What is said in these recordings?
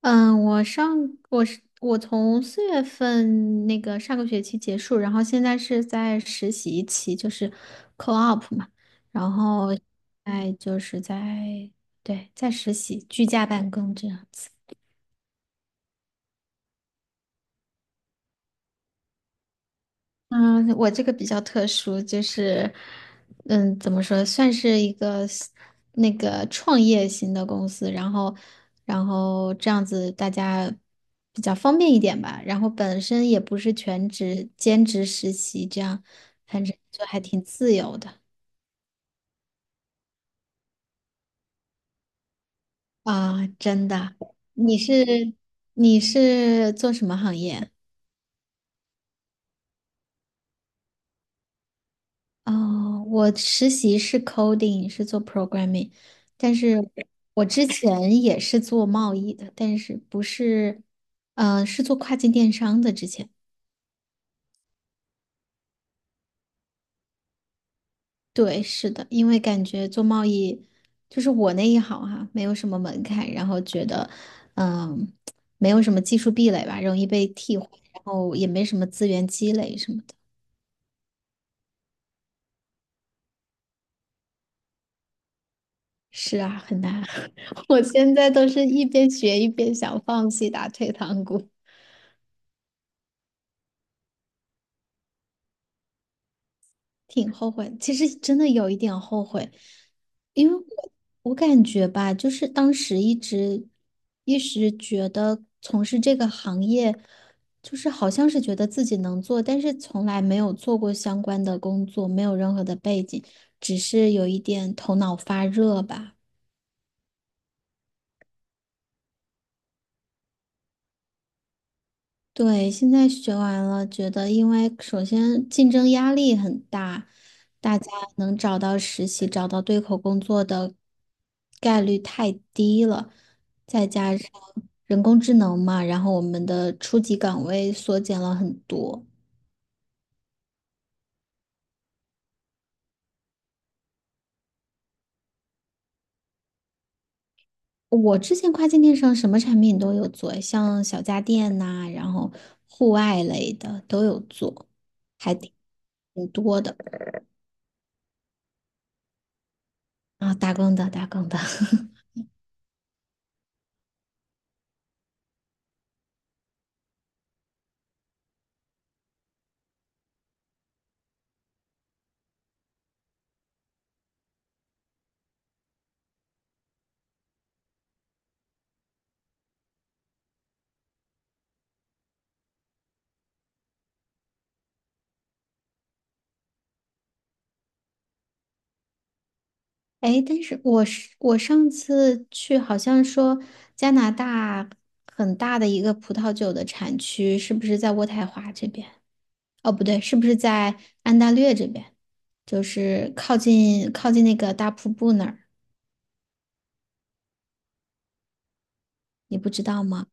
嗯，我上我是我从四月份那个上个学期结束，然后现在是在实习期，就是 co-op 嘛，然后哎就是，对，在实习居家办公这样子。嗯，我这个比较特殊，就是，嗯，怎么说，算是一个 那个创业型的公司，然后，这样子大家比较方便一点吧。然后本身也不是全职兼职实习，这样反正就还挺自由的。啊，真的。你是你是做什么行业？哦，我实习是 coding，是做 programming，但是我之前也是做贸易的，但是不是，是做跨境电商的。之前，对，是的，因为感觉做贸易就是我那一行哈、没有什么门槛，然后觉得，嗯，没有什么技术壁垒吧，容易被替换，然后也没什么资源积累什么的。是啊，很难。我现在都是一边学一边想放弃打退堂鼓。挺后悔，其实真的有一点后悔，因为我感觉吧，就是当时一直觉得从事这个行业，就是好像是觉得自己能做，但是从来没有做过相关的工作，没有任何的背景，只是有一点头脑发热吧。对，现在学完了，觉得因为首先竞争压力很大，大家能找到实习、找到对口工作的概率太低了，再加上人工智能嘛，然后我们的初级岗位缩减了很多。我之前跨境电商什么产品都有做，像小家电呐、然后户外类的都有做，还挺多的。啊，打工的，打工的。哎，但是我上次去，好像说加拿大很大的一个葡萄酒的产区，是不是在渥太华这边？哦，不对，是不是在安大略这边？就是靠近那个大瀑布那儿，你不知道吗？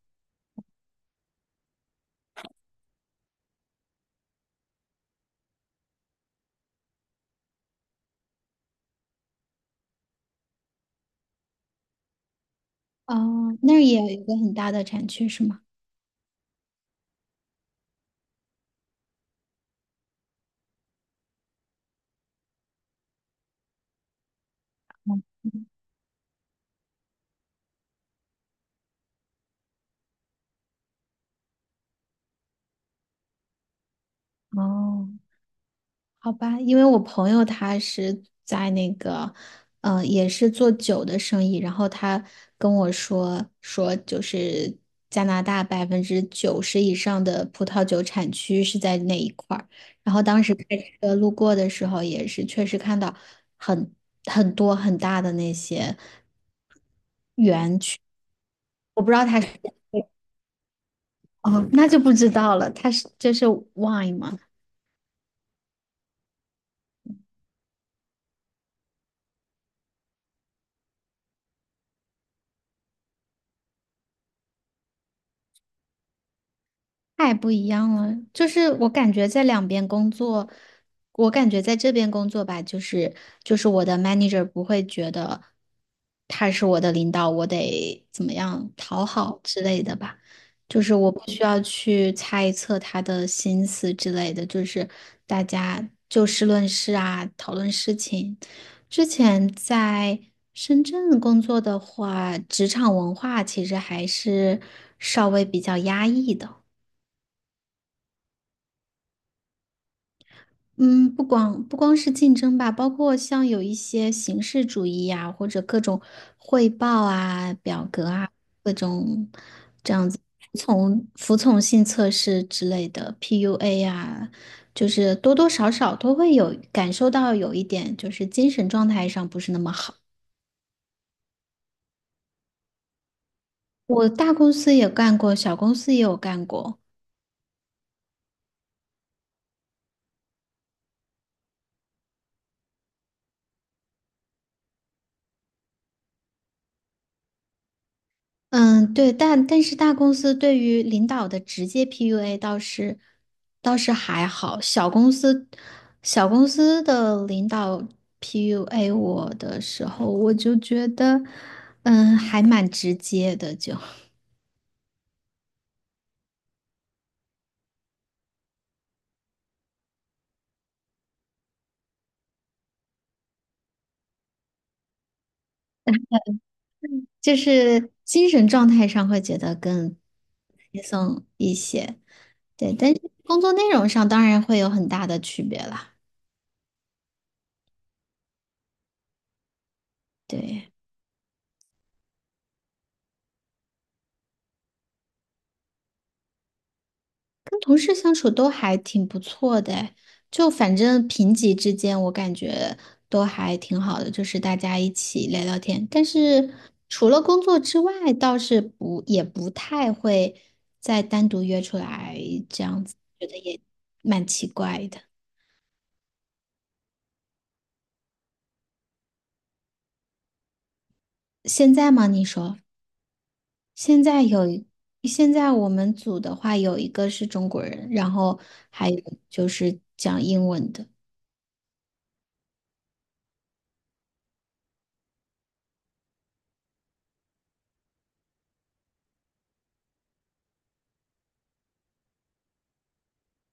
哦，那儿也有一个很大的产区，是吗？哦，好吧，因为我朋友他是在那个，也是做酒的生意，然后他跟我说说，就是加拿大百分之九十以上的葡萄酒产区是在那一块儿，然后当时开车路过的时候，也是确实看到很很多很大的那些园，我不知道他是，哦，那就不知道了，这是 wine 吗？太不一样了，就是我感觉在两边工作，我感觉在这边工作吧，就是我的 manager 不会觉得他是我的领导，我得怎么样讨好之类的吧，就是我不需要去猜测他的心思之类的，就是大家就事论事啊，讨论事情。之前在深圳工作的话，职场文化其实还是稍微比较压抑的。嗯，不光是竞争吧，包括像有一些形式主义呀、或者各种汇报啊、表格啊，各种这样子服从性测试之类的 PUA 啊，就是多多少少都会有感受到有一点，就是精神状态上不是那么好。我大公司也干过，小公司也有干过。嗯，对，但但是大公司对于领导的直接 PUA 倒是还好，小公司的领导 PUA 我的时候，我就觉得，嗯，还蛮直接的就，就是精神状态上会觉得更轻松一些，对，但是工作内容上当然会有很大的区别啦，对。跟同事相处都还挺不错的诶，就反正平级之间，我感觉都还挺好的，就是大家一起聊聊天。但是除了工作之外，倒是不也不太会再单独约出来这样子，觉得也蛮奇怪的。现在吗？你说现在有一，现在我们组的话，有一个是中国人，然后还有就是讲英文的。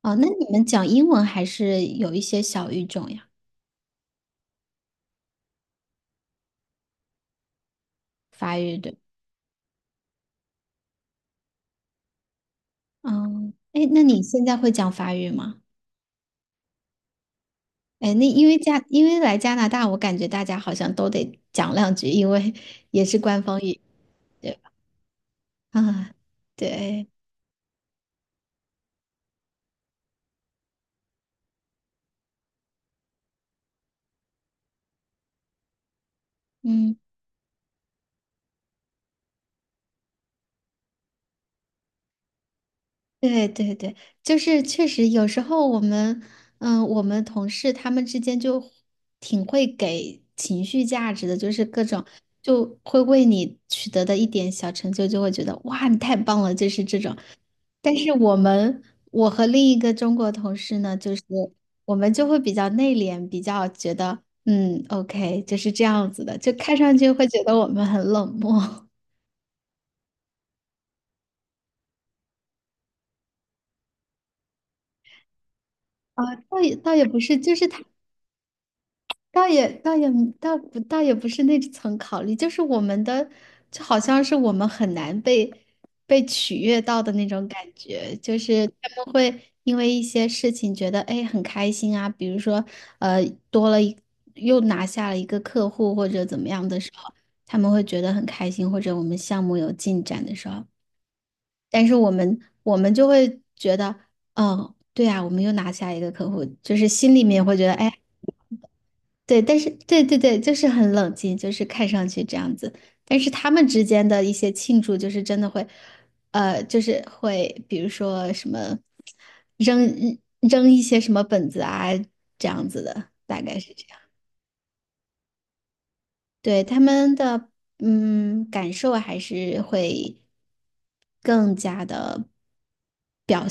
哦，那你们讲英文还是有一些小语种呀？法语对，嗯，哎，那你现在会讲法语吗？哎，那因为加，因为来加拿大，我感觉大家好像都得讲两句，因为 也是官方语，对吧啊，对，嗯，对对对，就是确实有时候我们，嗯，我们同事他们之间就挺会给情绪价值的，就是各种就会为你取得的一点小成就，就会觉得哇，你太棒了，就是这种。但是我们，我和另一个中国同事呢，就是我们就会比较内敛，比较觉得，嗯，OK，就是这样子的，就看上去会觉得我们很冷漠。啊，倒也不是，就是他。倒也倒也倒也不是那层考虑，就是我们的，就好像是我们很难被取悦到的那种感觉，就是他们会因为一些事情觉得哎很开心啊，比如说呃多了一又拿下了一个客户或者怎么样的时候，他们会觉得很开心，或者我们项目有进展的时候，但是我们就会觉得，嗯，对啊，我们又拿下一个客户，就是心里面会觉得哎。对，但是对对对，就是很冷静，就是看上去这样子。但是他们之间的一些庆祝，就是真的会，就是会，比如说什么扔扔一些什么本子啊，这样子的，大概是这样。对，他们的感受还是会更加的，表。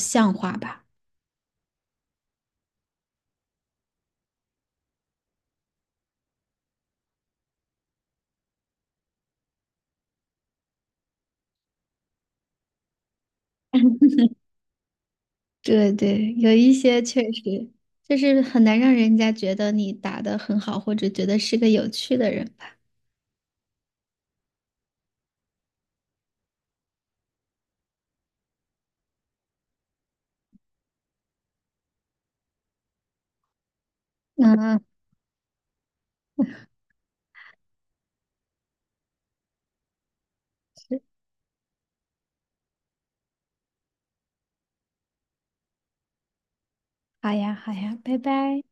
对对，有一些确实就是很难让人家觉得你打得很好，或者觉得是个有趣的人吧。嗯。好呀，好呀，拜拜。